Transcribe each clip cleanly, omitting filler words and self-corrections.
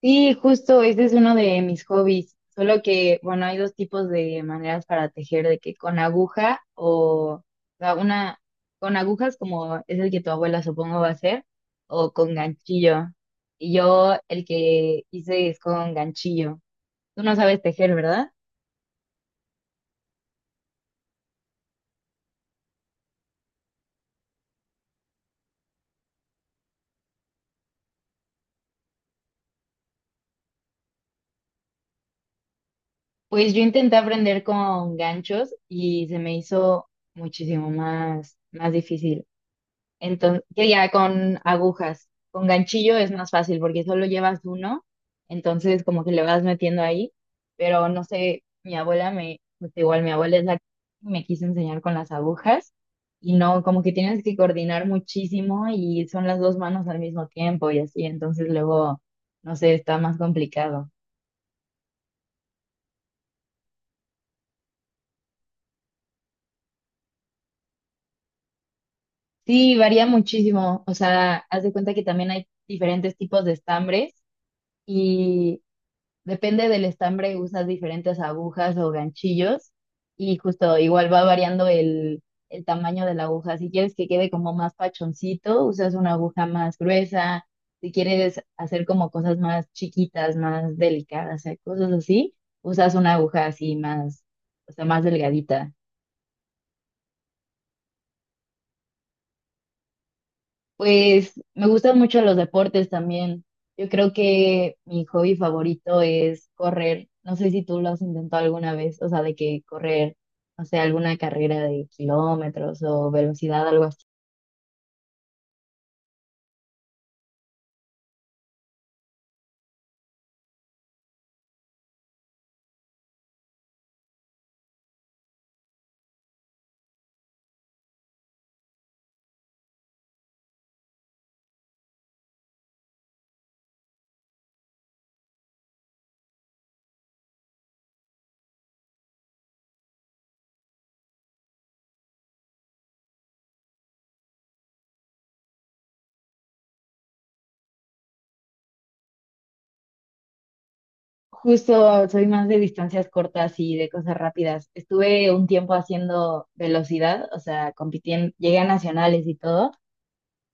Sí, justo, ese es uno de mis hobbies. Solo que, bueno, hay dos tipos de maneras para tejer, de que con aguja o sea, una, con agujas como es el que tu abuela supongo va a hacer, o con ganchillo. Y yo el que hice es con ganchillo. Tú no sabes tejer, ¿verdad? Pues yo intenté aprender con ganchos y se me hizo muchísimo más difícil. Entonces, que ya con agujas, con ganchillo es más fácil porque solo llevas uno, entonces como que le vas metiendo ahí, pero no sé, pues igual mi abuela es la que me quiso enseñar con las agujas y no, como que tienes que coordinar muchísimo y son las dos manos al mismo tiempo y así, entonces luego, no sé, está más complicado. Sí, varía muchísimo, o sea, haz de cuenta que también hay diferentes tipos de estambres. y Depende del estambre, usas diferentes agujas o ganchillos y justo igual va variando el tamaño de la aguja. Si quieres que quede como más pachoncito, usas una aguja más gruesa. Si quieres hacer como cosas más chiquitas, más delicadas, o sea, cosas así, usas una aguja así más, o sea, más delgadita. Pues me gustan mucho los deportes también. Yo creo que mi hobby favorito es correr. No sé si tú lo has intentado alguna vez, o sea, de que correr, no sé, alguna carrera de kilómetros o velocidad, algo así. Justo soy más de distancias cortas y de cosas rápidas. Estuve un tiempo haciendo velocidad, o sea, compitiendo, llegué a nacionales y todo.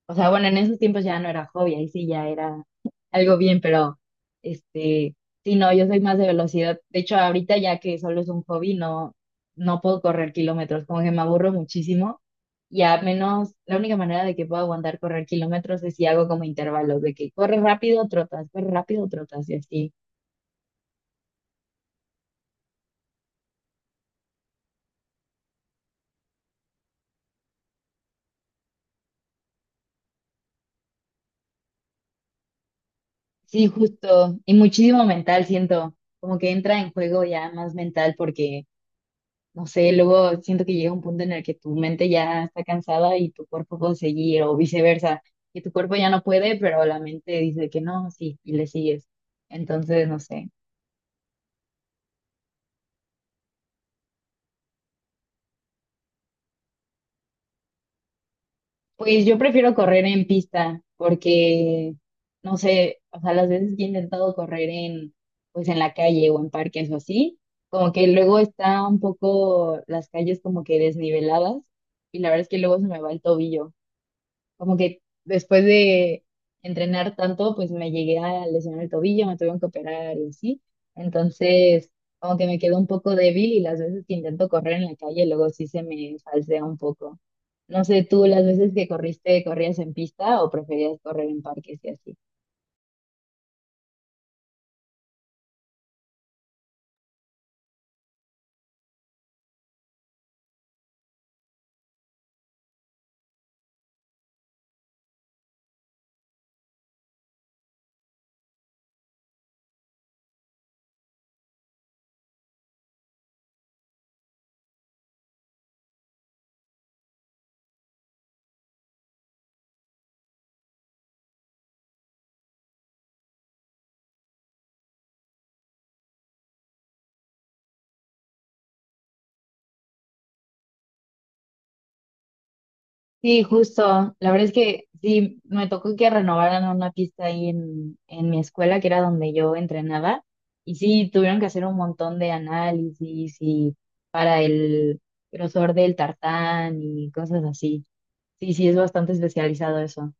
O sea, bueno, en esos tiempos ya no era hobby, ahí sí ya era algo bien, pero este, sí, no, yo soy más de velocidad. De hecho, ahorita ya que solo es un hobby, no, no puedo correr kilómetros, como que me aburro muchísimo. Y a menos, la única manera de que puedo aguantar correr kilómetros es si hago como intervalos, de que corre rápido, trotas, y así. Sí, justo. Y muchísimo mental, siento, como que entra en juego ya más mental porque no sé, luego siento que llega un punto en el que tu mente ya está cansada y tu cuerpo puede seguir, o viceversa, que tu cuerpo ya no puede, pero la mente dice que no, sí, y le sigues. Entonces, no sé. Pues yo prefiero correr en pista, porque, no sé, o sea, las veces que he intentado correr en, pues en la calle o en parques o así, como que luego está un poco las calles como que desniveladas, y la verdad es que luego se me va el tobillo. Como que después de entrenar tanto, pues me llegué a lesionar el tobillo, me tuvieron que operar y así. Entonces, como que me quedo un poco débil y las veces que intento correr en la calle, luego sí se me falsea un poco. No sé, tú las veces que corriste, ¿corrías en pista o preferías correr en parques y así? Sí, justo. La verdad es que sí, me tocó que renovaran una pista ahí en mi escuela, que era donde yo entrenaba, y sí, tuvieron que hacer un montón de análisis y para el grosor del tartán y cosas así. Sí, sí, es bastante especializado eso.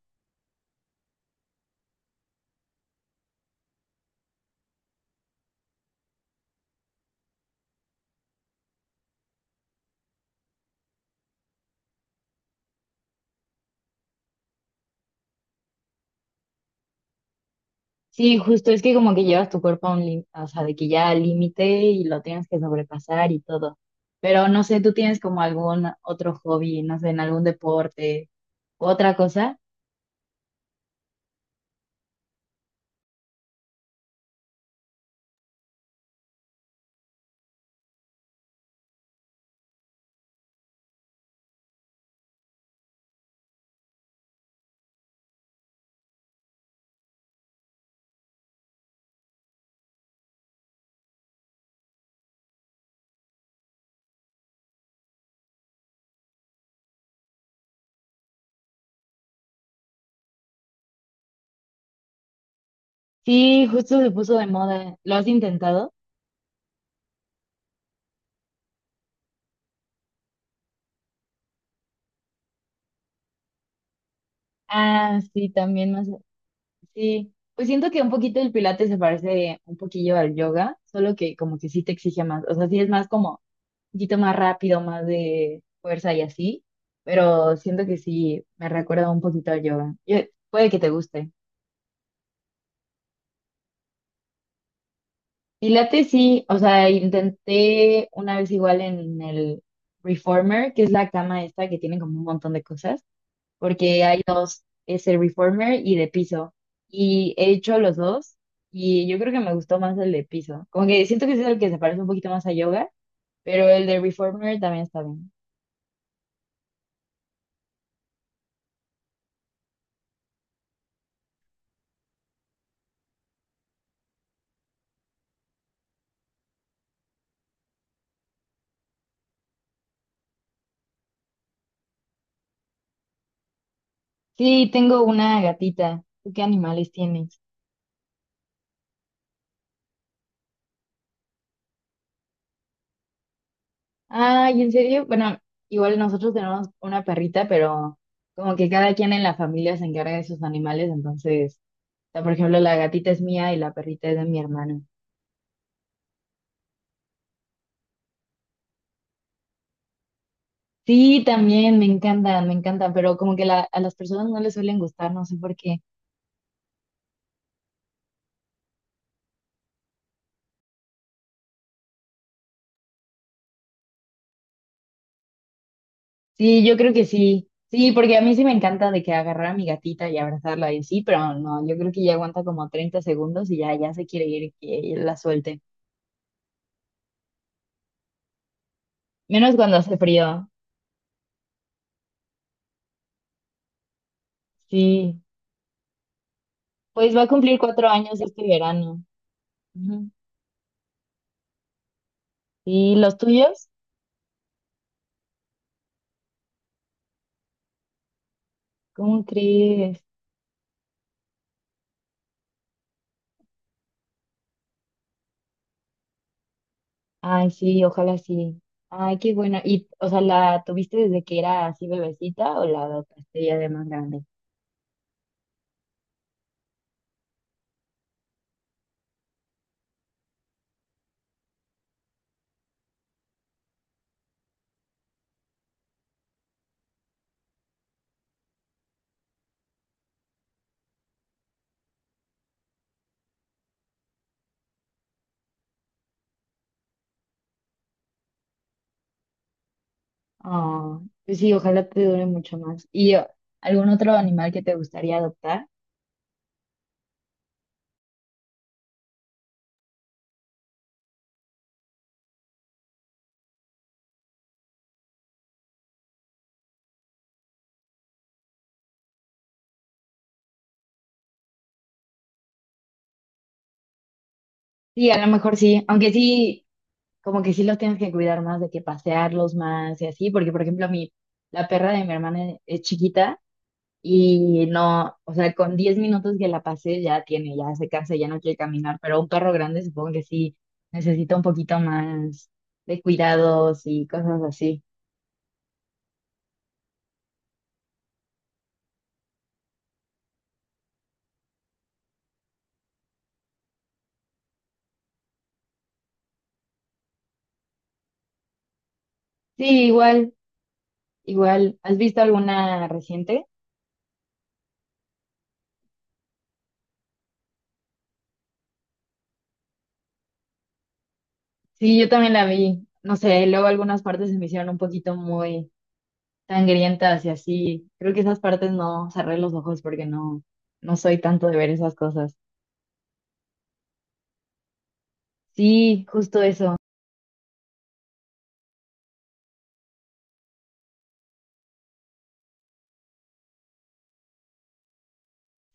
Sí, justo es que como que llevas tu cuerpo a un límite, o sea, de que ya al límite y lo tienes que sobrepasar y todo. Pero no sé, ¿tú tienes como algún otro hobby, no sé, en algún deporte, u otra cosa? Sí, justo se puso de moda. ¿Lo has intentado? Ah, sí, también más. Sí. Pues siento que un poquito el pilates se parece un poquillo al yoga, solo que como que sí te exige más. O sea, sí es más como un poquito más rápido, más de fuerza y así, pero siento que sí me recuerda un poquito al yoga. Puede que te guste. Pilates sí, o sea, intenté una vez igual en el Reformer, que es la cama esta que tiene como un montón de cosas, porque hay dos, es el reformer y de piso. Y he hecho los dos y yo creo que me gustó más el de piso. Como que siento que es el que se parece un poquito más a yoga, pero el de reformer también está bien. Sí, tengo una gatita. ¿Tú qué animales tienes? Ay, ¿en serio? Bueno, igual nosotros tenemos una perrita, pero como que cada quien en la familia se encarga de sus animales, entonces, o sea, por ejemplo, la gatita es mía y la perrita es de mi hermano. Sí, también me encantan, pero como que a las personas no les suelen gustar, no sé por qué. Sí, yo creo que sí. Sí, porque a mí sí me encanta de que agarrar a mi gatita y abrazarla y sí, pero no, yo creo que ya aguanta como 30 segundos y ya, ya se quiere ir y que la suelte. Menos cuando hace frío. Sí, pues va a cumplir 4 años este verano. Ujú. ¿Y los tuyos? ¿Cómo crees? Ay, sí, ojalá sí. Ay, qué bueno. ¿Y, o sea, la tuviste desde que era así bebecita o la adoptaste ya de más grande? Ah, pues sí, ojalá te dure mucho más. ¿Y algún otro animal que te gustaría adoptar? Sí, a lo mejor sí, aunque sí, como que sí los tienes que cuidar más, de que pasearlos más y así, porque por ejemplo la perra de mi hermana es chiquita y no, o sea, con 10 minutos que la pasé ya tiene, ya se cansa, ya no quiere caminar, pero un perro grande supongo que sí necesita un poquito más de cuidados y cosas así. Sí, igual, igual. ¿Has visto alguna reciente? Sí, yo también la vi. No sé, luego algunas partes se me hicieron un poquito muy sangrientas y así. Creo que esas partes no cerré los ojos porque no, no soy tanto de ver esas cosas. Sí, justo eso.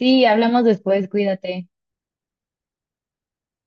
Sí, hablamos después, cuídate.